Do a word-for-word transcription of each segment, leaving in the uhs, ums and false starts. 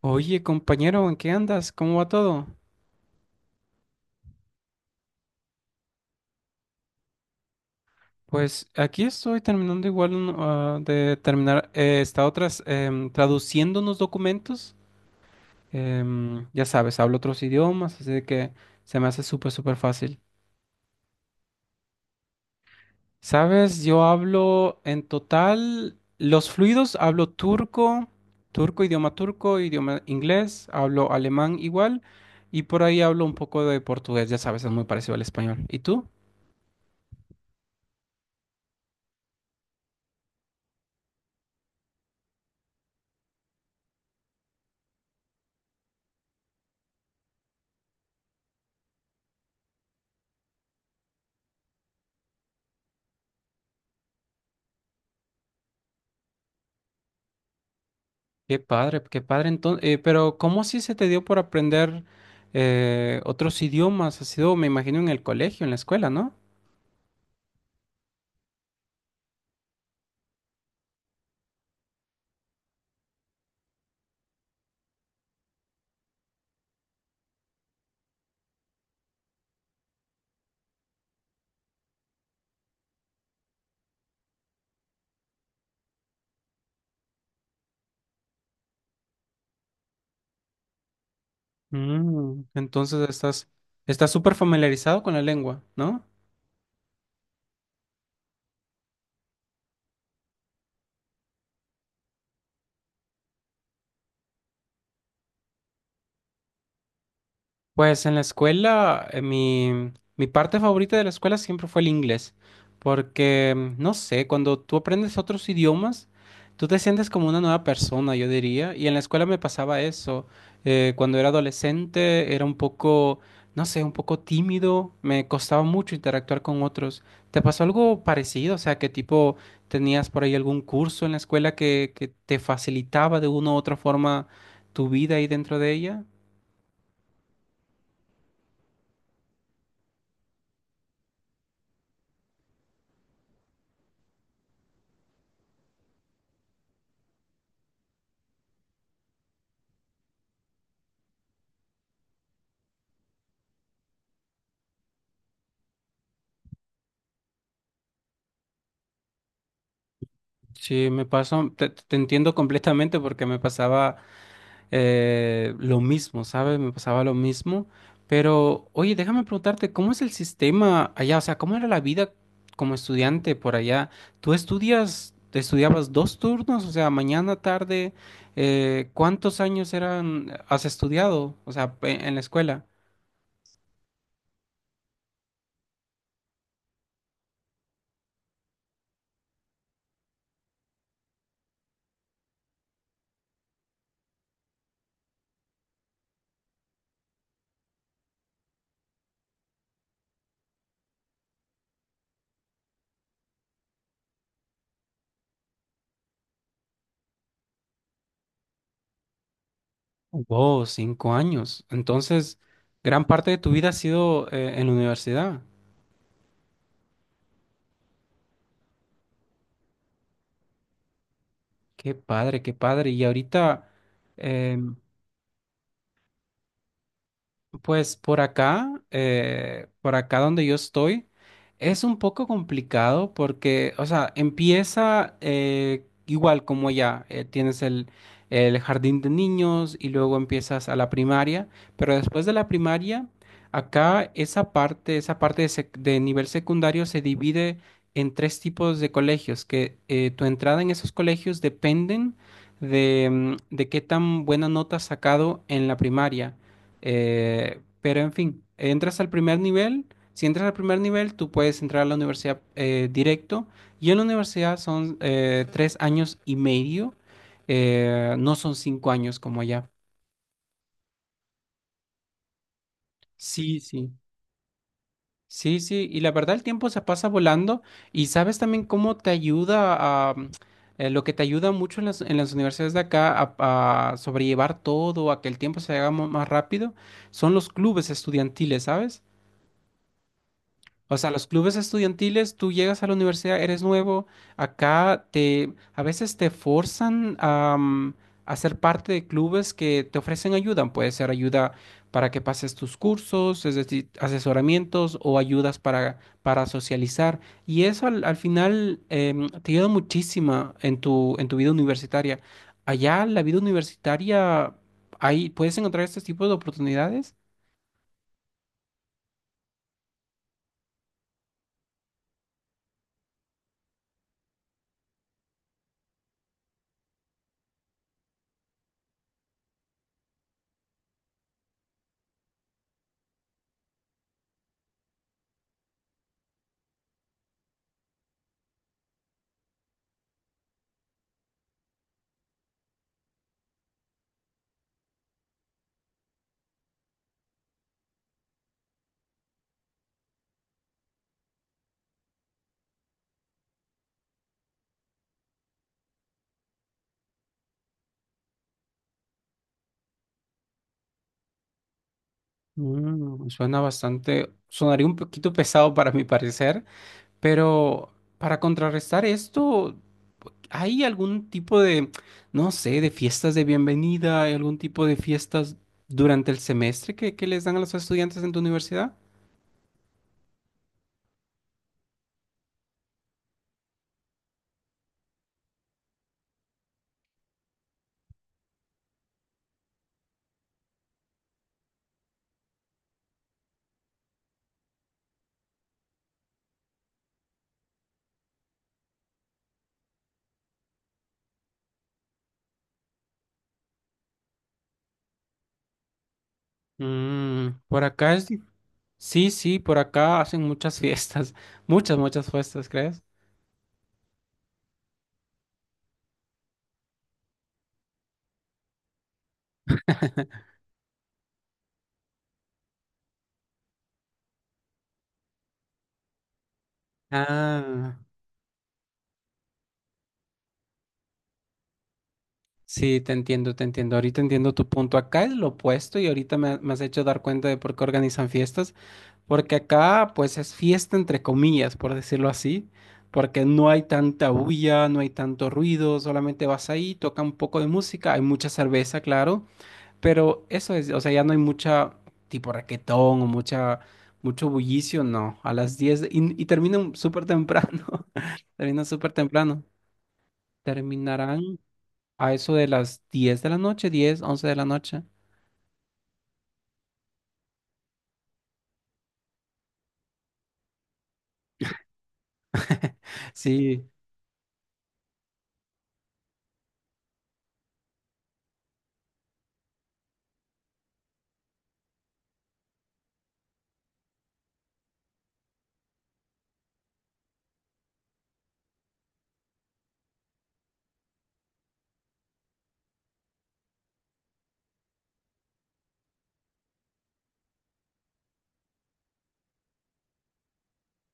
Oye, compañero, ¿en qué andas? ¿Cómo va todo? Pues aquí estoy terminando igual un- ah, de terminar, eh, esta otras em, traduciendo unos documentos. Em, ya sabes, hablo otros idiomas, así de que se me hace súper, súper fácil. Sabes, yo hablo en total, los fluidos, hablo turco, turco, idioma turco, idioma inglés, hablo alemán igual, y por ahí hablo un poco de portugués, ya sabes, es muy parecido al español. ¿Y tú? Qué padre, qué padre. Entonces, eh, pero ¿cómo así se te dio por aprender eh, otros idiomas? Ha sido, me imagino, en el colegio, en la escuela, ¿no? Mm, entonces estás, estás súper familiarizado con la lengua, ¿no? Pues en la escuela, eh, mi, mi parte favorita de la escuela siempre fue el inglés, porque, mm, no sé, cuando tú aprendes otros idiomas, tú te sientes como una nueva persona, yo diría, y en la escuela me pasaba eso. Eh, cuando era adolescente era un poco, no sé, un poco tímido, me costaba mucho interactuar con otros. ¿Te pasó algo parecido? O sea, ¿qué tipo tenías por ahí algún curso en la escuela que, que te facilitaba de una u otra forma tu vida ahí dentro de ella? Sí, me pasó, te, te entiendo completamente porque me pasaba eh, lo mismo, ¿sabes? Me pasaba lo mismo. Pero, oye, déjame preguntarte, ¿cómo es el sistema allá? O sea, ¿cómo era la vida como estudiante por allá? ¿Tú estudias, te estudiabas dos turnos? O sea, mañana, tarde, eh, ¿cuántos años eran, has estudiado? O sea, pe- en la escuela. Wow, cinco años. Entonces, gran parte de tu vida ha sido eh, en la universidad. Qué padre, qué padre. Y ahorita, sí, em, pues por acá, eh, por acá donde yo estoy, es un poco complicado porque, o sea, empieza eh, igual como ya, eh, tienes el, el jardín de niños y luego empiezas a la primaria, pero después de la primaria, acá esa parte, esa parte de, sec- de nivel secundario se divide en tres tipos de colegios, que eh, tu entrada en esos colegios dependen de, mm, de qué tan buena nota has sacado en la primaria. Eh, pero en fin, entras al primer nivel. Si entras al primer nivel, tú puedes entrar a la universidad eh, directo. Y en la universidad son eh, tres años y medio. Eh, no son cinco años como allá. Sí, sí. Sí, sí. Y la verdad, el tiempo se pasa volando. Y sabes también cómo te ayuda a... mm, eh, lo que te ayuda mucho en las, en las universidades de acá a, a sobrellevar todo, a que el tiempo se haga mo- más rápido, son los clubes estudiantiles, ¿sabes? O sea, los clubes estudiantiles, tú llegas a la universidad, eres nuevo, acá te a veces te forzan a, mm, a ser parte de clubes que te ofrecen ayuda. Puede ser ayuda para que pases tus cursos, es decir, asesoramientos o ayudas para, para socializar. Y eso al, al final em, te ayuda muchísimo en tu, en tu vida universitaria. Allá, la vida universitaria, ahí puedes encontrar este tipo de oportunidades. Mm, suena bastante, sonaría un poquito pesado para mi parecer, pero para contrarrestar esto, ¿hay algún tipo de, no sé, de fiestas de bienvenida? ¿Hay algún tipo de fiestas durante el semestre que, que les dan a los estudiantes en tu universidad? Mm, por acá es... di- Sí, sí, por acá hacen muchas fiestas, muchas, muchas fiestas, ¿crees? Ah, sí, te entiendo, te entiendo. Ahorita entiendo tu punto. Acá es lo opuesto y ahorita me, me has hecho dar cuenta de por qué organizan fiestas. Porque acá, pues, es fiesta entre comillas, por decirlo así, porque no hay tanta bulla, no hay tanto ruido, solamente vas ahí, toca un poco de música, hay mucha cerveza, claro, pero eso es, o sea, ya no hay mucha, tipo raquetón o mucha, mucho bullicio, no, a las diez de- y, y terminan súper temprano, terminan súper temprano, terminarán a eso de las diez de la noche, diez, once de la noche, sí.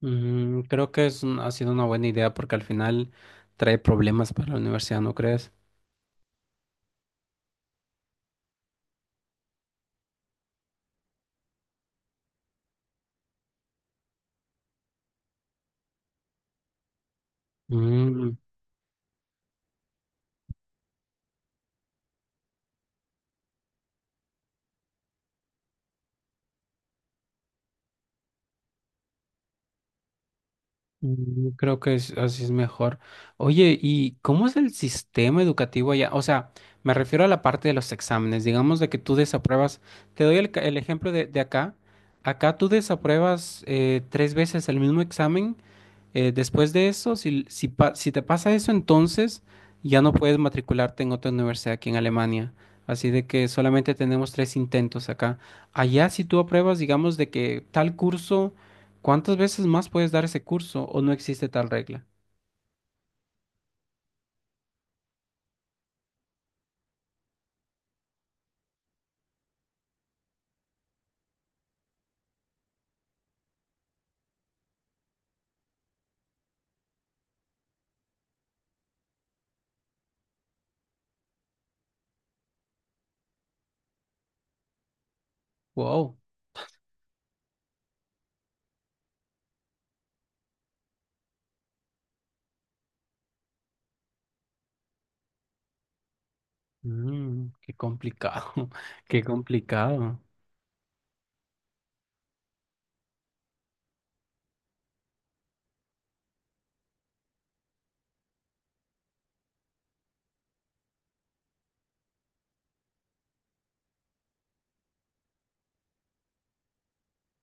Mm, creo que es un- ha sido una buena idea porque al final trae problemas para la universidad, ¿no crees? Mm, mm, creo que es- así es mejor. Oye, ¿y cómo es el sistema educativo allá? O sea, me refiero a la parte de los exámenes. Digamos de que tú desapruebas. Te doy el, ca- el ejemplo de, de acá. Acá tú desapruebas eh, tres veces el mismo examen. Eh, después de eso, si, si, pa- si te pasa eso, entonces ya no puedes matricularte en otra universidad aquí en Alemania. Así de que solamente tenemos tres intentos acá. Allá, si tú apruebas, digamos, de que tal curso, ¿cuántas veces más puedes dar ese curso o no existe tal regla? Wow, mm, qué complicado, qué complicado.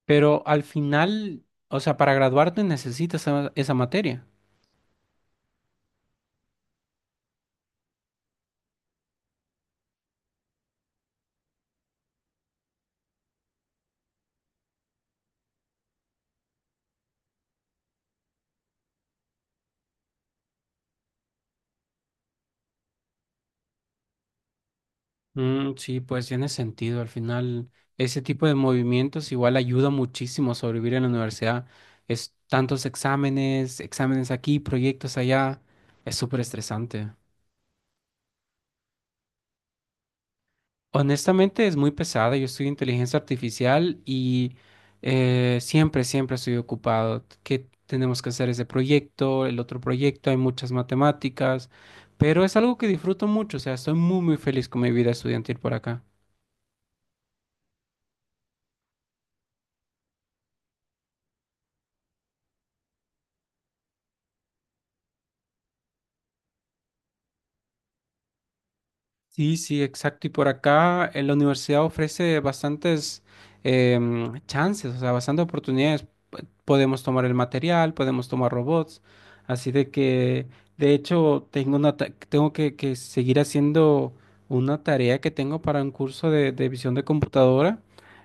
Pero al final, o sea, para graduarte necesitas esa esa materia. Mm, sí, pues tiene sentido. Al final, ese tipo de movimientos igual ayuda muchísimo a sobrevivir en la universidad. Es tantos exámenes, exámenes aquí, proyectos allá. Es súper estresante. Honestamente, es muy pesada. Yo estudio inteligencia artificial y eh, siempre, siempre estoy ocupado. ¿Qué tenemos que hacer ese proyecto, el otro proyecto? Hay muchas matemáticas, pero es algo que disfruto mucho. O sea, estoy muy, muy feliz con mi vida estudiantil por acá. Sí, sí, exacto. Y por acá eh, la universidad ofrece bastantes em, chances, o sea, bastantes oportunidades. P- Podemos tomar el material, podemos tomar robots. Así de que, de hecho, tengo una ta- tengo que, que seguir haciendo una tarea que tengo para un curso de, de visión de computadora.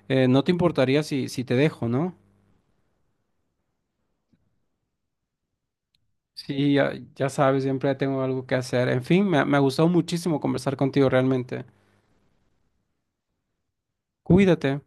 Eh, no te importaría si, si te dejo, ¿no? Sí, ya, ya sabes, siempre tengo algo que hacer. En fin, me, ha- me ha gustado muchísimo conversar contigo realmente. Cuídate.